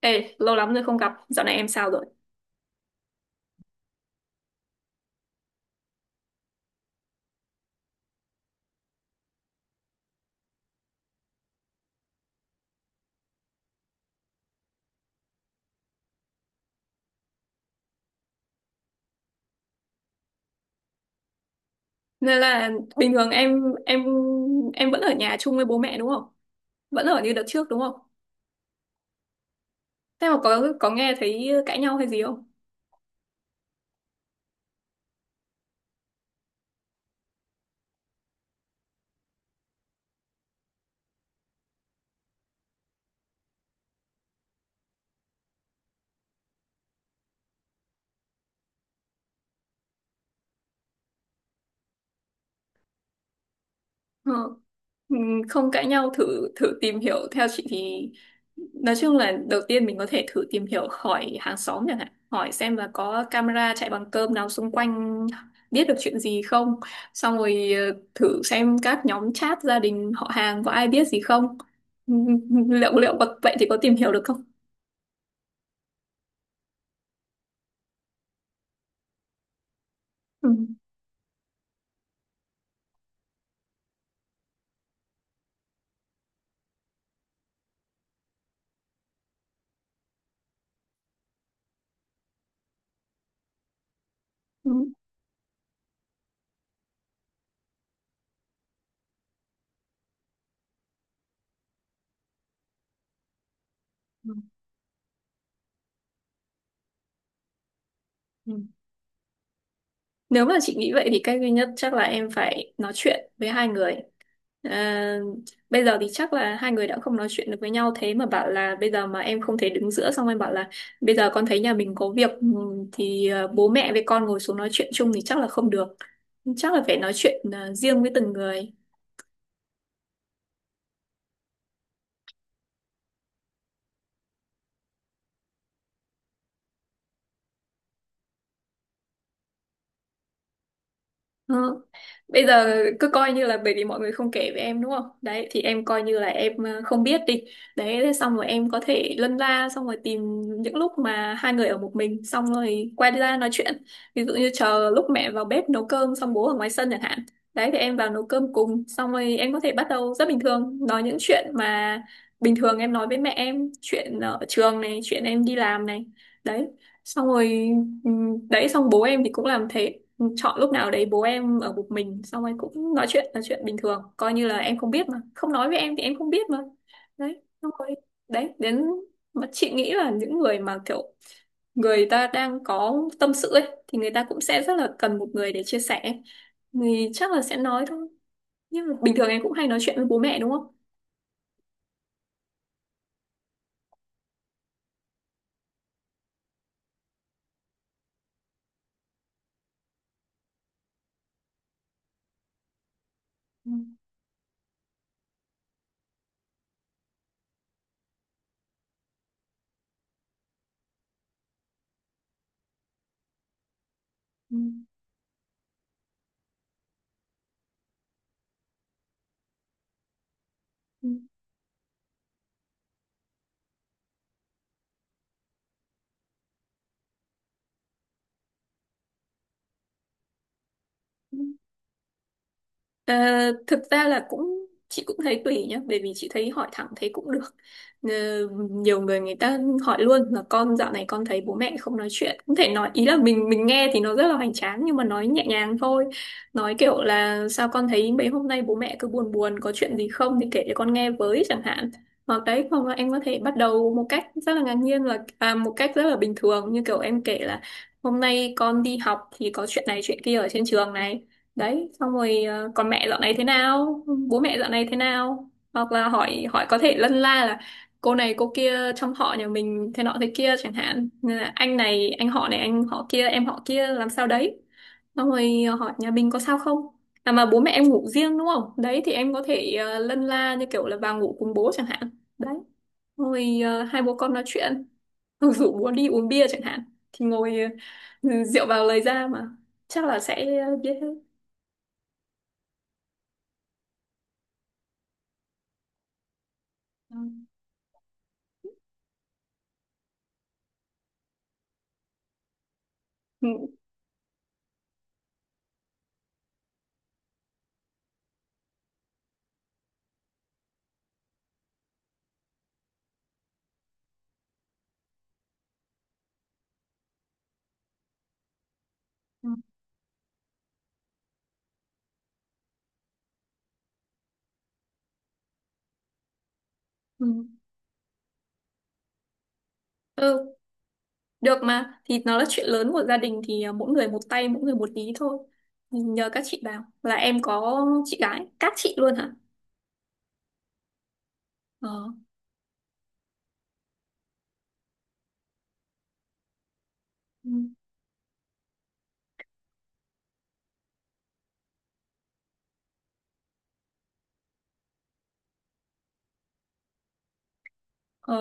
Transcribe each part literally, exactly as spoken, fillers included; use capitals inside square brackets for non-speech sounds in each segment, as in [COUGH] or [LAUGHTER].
Ê, lâu lắm rồi không gặp, dạo này em sao rồi? Nên là bình thường em em em vẫn ở nhà chung với bố mẹ đúng không? Vẫn ở như đợt trước đúng không? Thế mà có có nghe thấy cãi nhau hay gì không? Ờ, ừ, không cãi nhau, thử thử tìm hiểu theo chị thì nói chung là đầu tiên mình có thể thử tìm hiểu hỏi hàng xóm chẳng hạn, hỏi xem là có camera chạy bằng cơm nào xung quanh biết được chuyện gì không, xong rồi ờ, thử xem các nhóm chat gia đình họ hàng có ai biết gì không. Ừ, [LAUGHS] liệu liệu có, vậy thì có tìm hiểu được không? Ừ, ừ, ừ. Ừ. Nếu mà chị nghĩ vậy thì cách duy nhất chắc là em phải nói chuyện với hai người. À, bây giờ thì chắc là hai người đã không nói chuyện được với nhau, thế mà bảo là bây giờ mà em không thể đứng giữa xong em bảo là bây giờ con thấy nhà mình có việc, ừm, thì ờ, bố mẹ với con ngồi xuống nói chuyện chung thì chắc là không được, chắc là phải nói chuyện ờ, riêng với từng người. Ờ. Bây giờ cứ coi như là bởi vì mọi người không kể với em đúng không? Đấy thì em coi như là em ờ, không biết đi. Đấy thế xong rồi em có thể lân la xong rồi tìm những lúc mà hai người ở một mình xong rồi quay ra nói chuyện. Ví dụ như chờ lúc mẹ vào bếp nấu cơm xong bố ở ngoài sân chẳng hạn. Đấy thì em vào nấu cơm cùng xong rồi em có thể bắt đầu rất bình thường nói những chuyện mà bình thường em nói với mẹ, em chuyện ở trường này, chuyện em đi làm này. Đấy. Xong rồi. Ừ. Đấy xong bố em thì cũng làm thế. Ừ, chọn lúc nào đấy bố em ở một mình xong rồi cũng nói chuyện nói chuyện bình thường, coi như là em không biết mà không nói với em thì em không biết, mà đấy xong rồi đấy, đến mà chị nghĩ là những người mà kiểu người ta đang có tâm sự ấy thì người ta cũng sẽ rất là cần một người để chia sẻ, thì chắc là sẽ nói thôi. Nhưng mà bình thường em cũng hay nói chuyện với bố mẹ đúng không? Ừ, ừ, ừ. Ờ, thực ra là cũng chị cũng thấy tùy nhá, bởi vì chị thấy hỏi thẳng thấy cũng được. Ờ, nhiều người người ta hỏi luôn là con dạo này con thấy bố mẹ không nói chuyện, cũng thể nói, ý là mình mình nghe thì nó rất là hoành tráng nhưng mà nói nhẹ nhàng thôi, nói kiểu là sao con thấy mấy hôm nay bố mẹ cứ buồn buồn có chuyện gì không thì kể cho con nghe với chẳng hạn, hoặc đấy, hoặc là em có thể bắt đầu một cách rất là ngạc nhiên là, à, một cách rất là bình thường như kiểu em kể là hôm nay con đi học thì có chuyện này chuyện kia ở trên trường này, đấy xong rồi ờ, còn mẹ dạo này thế nào, bố mẹ dạo này thế nào, hoặc là hỏi hỏi có thể lân la là cô này cô kia trong họ nhà mình thế nọ thế kia chẳng hạn. Nên là anh này anh họ này anh họ kia em họ kia làm sao đấy, xong rồi ờ, hỏi nhà mình có sao không. À mà bố mẹ em ngủ riêng đúng không, đấy thì em có thể ờ, lân la như kiểu là vào ngủ cùng bố chẳng hạn. Đấy. Xong rồi ờ, hai bố con nói chuyện. [LAUGHS] Hoặc rủ bố đi uống bia chẳng hạn, thì ngồi, ờ, rượu vào lời ra mà, chắc là sẽ. Ừ. Ừ. Ừ. Ừ. Ừ, được mà, thì nó là chuyện lớn của gia đình thì à, mỗi người một tay mỗi người một ý thôi. Thì nhờ các chị vào, là em có chị gái các chị luôn hả? Ờ. Ờ,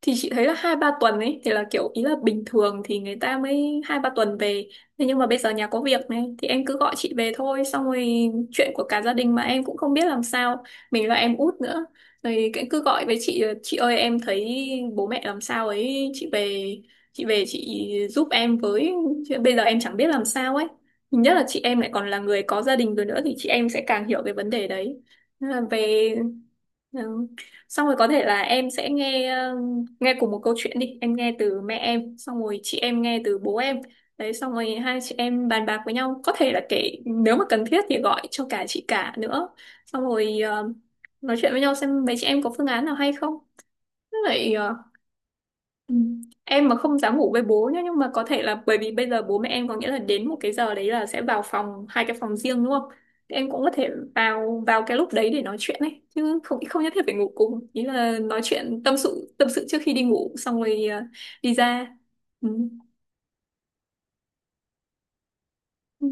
thì chị thấy là hai ba tuần ấy thì là kiểu ý là bình thường thì người ta mới hai ba tuần về, thế nhưng mà bây giờ nhà có việc này thì em cứ gọi chị về thôi, xong rồi chuyện của cả gia đình mà em cũng không biết làm sao, mình là em út nữa, rồi cái- cứ gọi với chị là, chị ơi em thấy bố mẹ làm sao ấy, chị về, chị về chị giúp em với. Chứ bây giờ em chẳng biết làm sao ấy, nhất là chị em lại còn là người có gia đình rồi nữa thì chị em sẽ càng hiểu cái vấn đề đấy. Nên là về. Ừ. Xong rồi có thể là em sẽ nghe, ờ, nghe cùng một câu chuyện đi, em nghe từ mẹ em xong rồi chị em nghe từ bố em, đấy xong rồi hai chị em bàn bạc với nhau, có thể là kể nếu mà cần thiết thì gọi cho cả chị cả nữa, xong rồi ờ, nói chuyện với nhau xem mấy chị em có phương án nào hay không, với lại. ờ, Ừ. Em mà không dám ngủ với bố nhá, nhưng mà có thể là bởi vì bây giờ bố mẹ em có nghĩa là đến một cái giờ đấy là sẽ vào phòng, hai cái phòng riêng đúng không? Thì em cũng có thể vào vào cái lúc đấy để nói chuyện ấy, chứ không không nhất thiết phải ngủ cùng, ý là nói chuyện tâm sự tâm sự trước khi đi ngủ xong rồi, à, đi ra. Ừ. Ừ.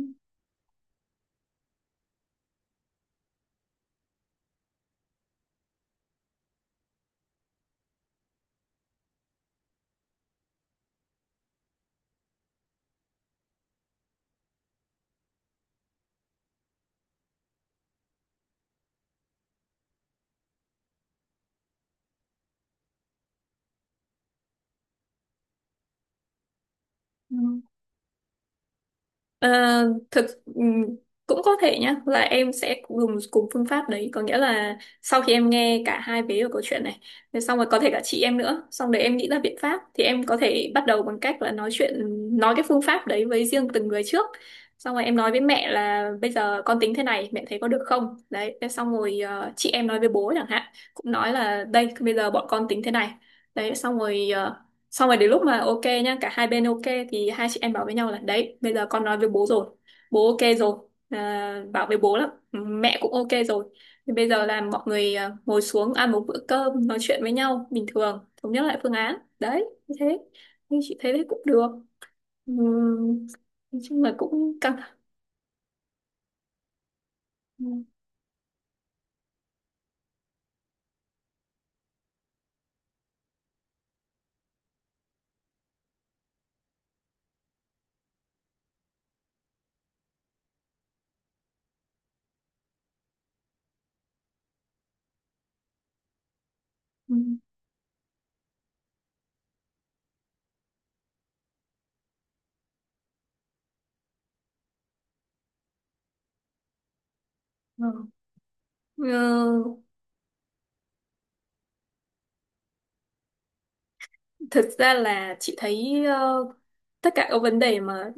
Ừ. Ờ, thực, ừm, cũng có thể nhá là em sẽ dùng cùng phương pháp đấy, có nghĩa là sau khi em nghe cả hai vế của câu chuyện này, thì xong rồi có thể cả chị em nữa, xong để em nghĩ ra biện pháp thì em có thể bắt đầu bằng cách là nói chuyện, nói cái phương pháp đấy với riêng từng người trước, xong rồi em nói với mẹ là bây giờ con tính thế này mẹ thấy có được không, đấy thế xong rồi ờ, chị em nói với bố chẳng hạn, cũng nói là đây bây giờ bọn con tính thế này, đấy xong rồi ờ, xong rồi đến lúc mà ok nhá cả hai bên ok, thì hai chị em bảo với nhau là đấy bây giờ con nói với bố rồi, bố ok rồi, à, bảo với bố lắm, mẹ cũng ok rồi, thì bây giờ là mọi người, à, ngồi xuống ăn một bữa cơm nói chuyện với nhau bình thường, thống nhất lại phương án đấy như thế, nhưng chị thấy đấy cũng được. Ừm, nói chung là cũng căng thẳng. Ừm, ừm, ờ. Ừ, thực ra là chị thấy, ờ, tất cả các vấn đề mà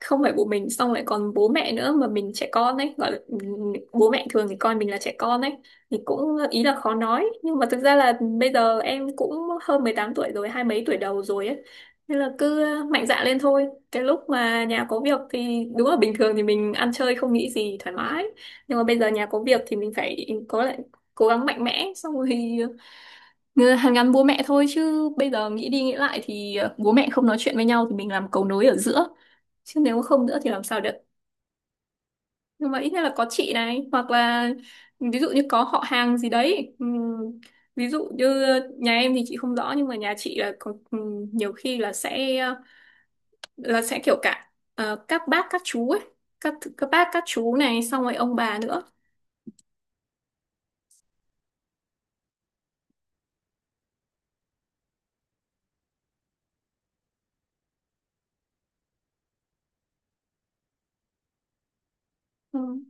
không phải của mình, xong lại còn bố mẹ nữa mà mình trẻ con ấy, gọi là, ừm, bố mẹ thường thì coi mình là trẻ con ấy, thì cũng ý là khó nói, nhưng mà thực ra là bây giờ em cũng hơn mười tám tuổi rồi, hai mấy tuổi đầu rồi ấy, nên là cứ mạnh dạn lên thôi. Cái lúc mà nhà có việc thì đúng là bình thường thì mình ăn chơi không nghĩ gì thoải mái, nhưng mà bây giờ nhà có việc thì mình phải có lại, cố gắng mạnh mẽ xong rồi hàn gắn bố mẹ thôi, chứ bây giờ nghĩ đi nghĩ lại thì, ờ, bố mẹ không nói chuyện với nhau thì mình làm cầu nối ở giữa, chứ nếu không nữa thì làm sao được. Nhưng mà ít nhất là có chị này, hoặc là ừ, ví dụ như có họ hàng gì đấy. Ừm, ví dụ như nhà em thì chị không rõ, nhưng mà nhà chị là có, ừm, nhiều khi là sẽ, ờ, là sẽ kiểu cả, ờ, các bác các chú ấy, các các bác các chú này xong rồi ông bà nữa. Ừm,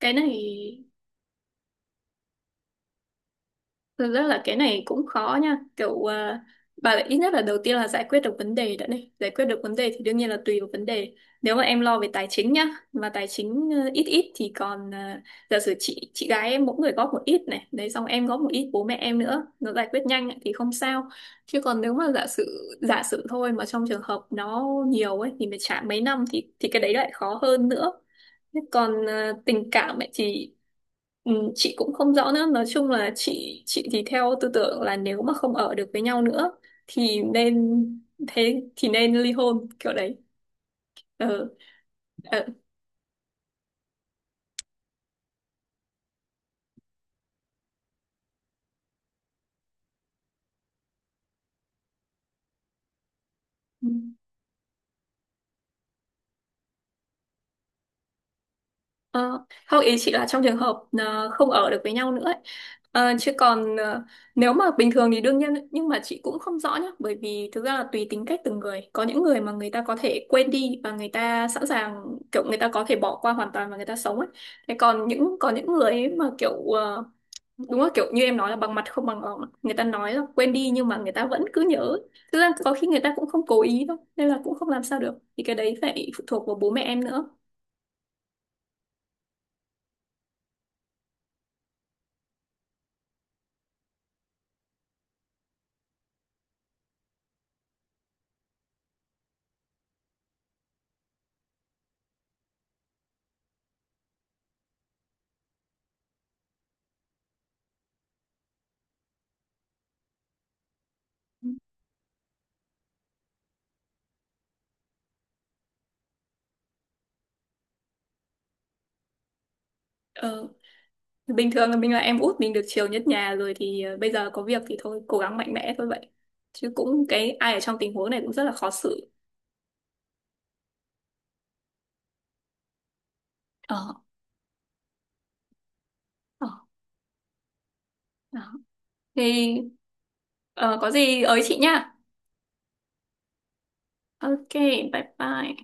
cái này. Thực ra là cái này cũng khó nha, kiểu, à, bà lại ít nhất là đầu tiên là giải quyết được vấn đề đã này, giải quyết được vấn đề thì đương nhiên là tùy vào vấn đề, nếu mà em lo về tài chính nhá, mà tài chính, ờ, ít ít thì còn, ờ, giả sử chị chị gái em mỗi người góp một ít này, đấy xong em góp một ít bố mẹ em nữa nó giải quyết nhanh ấy, thì không sao, chứ còn nếu mà giả sử giả sử thôi, mà trong trường hợp nó nhiều ấy thì phải trả mấy năm thì thì cái đấy lại khó hơn nữa. Thế còn, ờ, tình cảm ấy thì, Ừ, chị cũng không rõ nữa, nói chung là chị chị thì theo tư tưởng là nếu mà không ở được với nhau nữa thì nên, thế thì nên ly hôn kiểu đấy. Ừ. Ừ. Ờ, không, ý chị là trong trường hợp, ờ, không ở được với nhau nữa ấy. Ờ, chứ còn, ờ, nếu mà bình thường thì đương nhiên ấy, nhưng mà chị cũng không rõ nhá, bởi vì thực ra là tùy tính cách từng người, có những người mà người ta có thể quên đi và người ta sẵn sàng, kiểu người ta có thể bỏ qua hoàn toàn và người ta sống ấy, thế còn những, có những người ấy mà kiểu, ờ, đúng rồi, kiểu như em nói là bằng mặt không bằng lòng, người ta nói là quên đi nhưng mà người ta vẫn cứ nhớ, thực ra có khi người ta cũng không cố ý đâu, nên là cũng không làm sao được, thì cái đấy phải phụ thuộc vào bố mẹ em nữa. Ờ, bình thường là mình là em út mình được chiều nhất nhà rồi thì, ờ, bây giờ có việc thì thôi cố gắng mạnh mẽ thôi vậy, chứ cũng cái ai ở trong tình huống này cũng rất là khó xử. Ờ, ờ, đó. Thì, ờ, có gì ới chị nha. Ok, bye bye.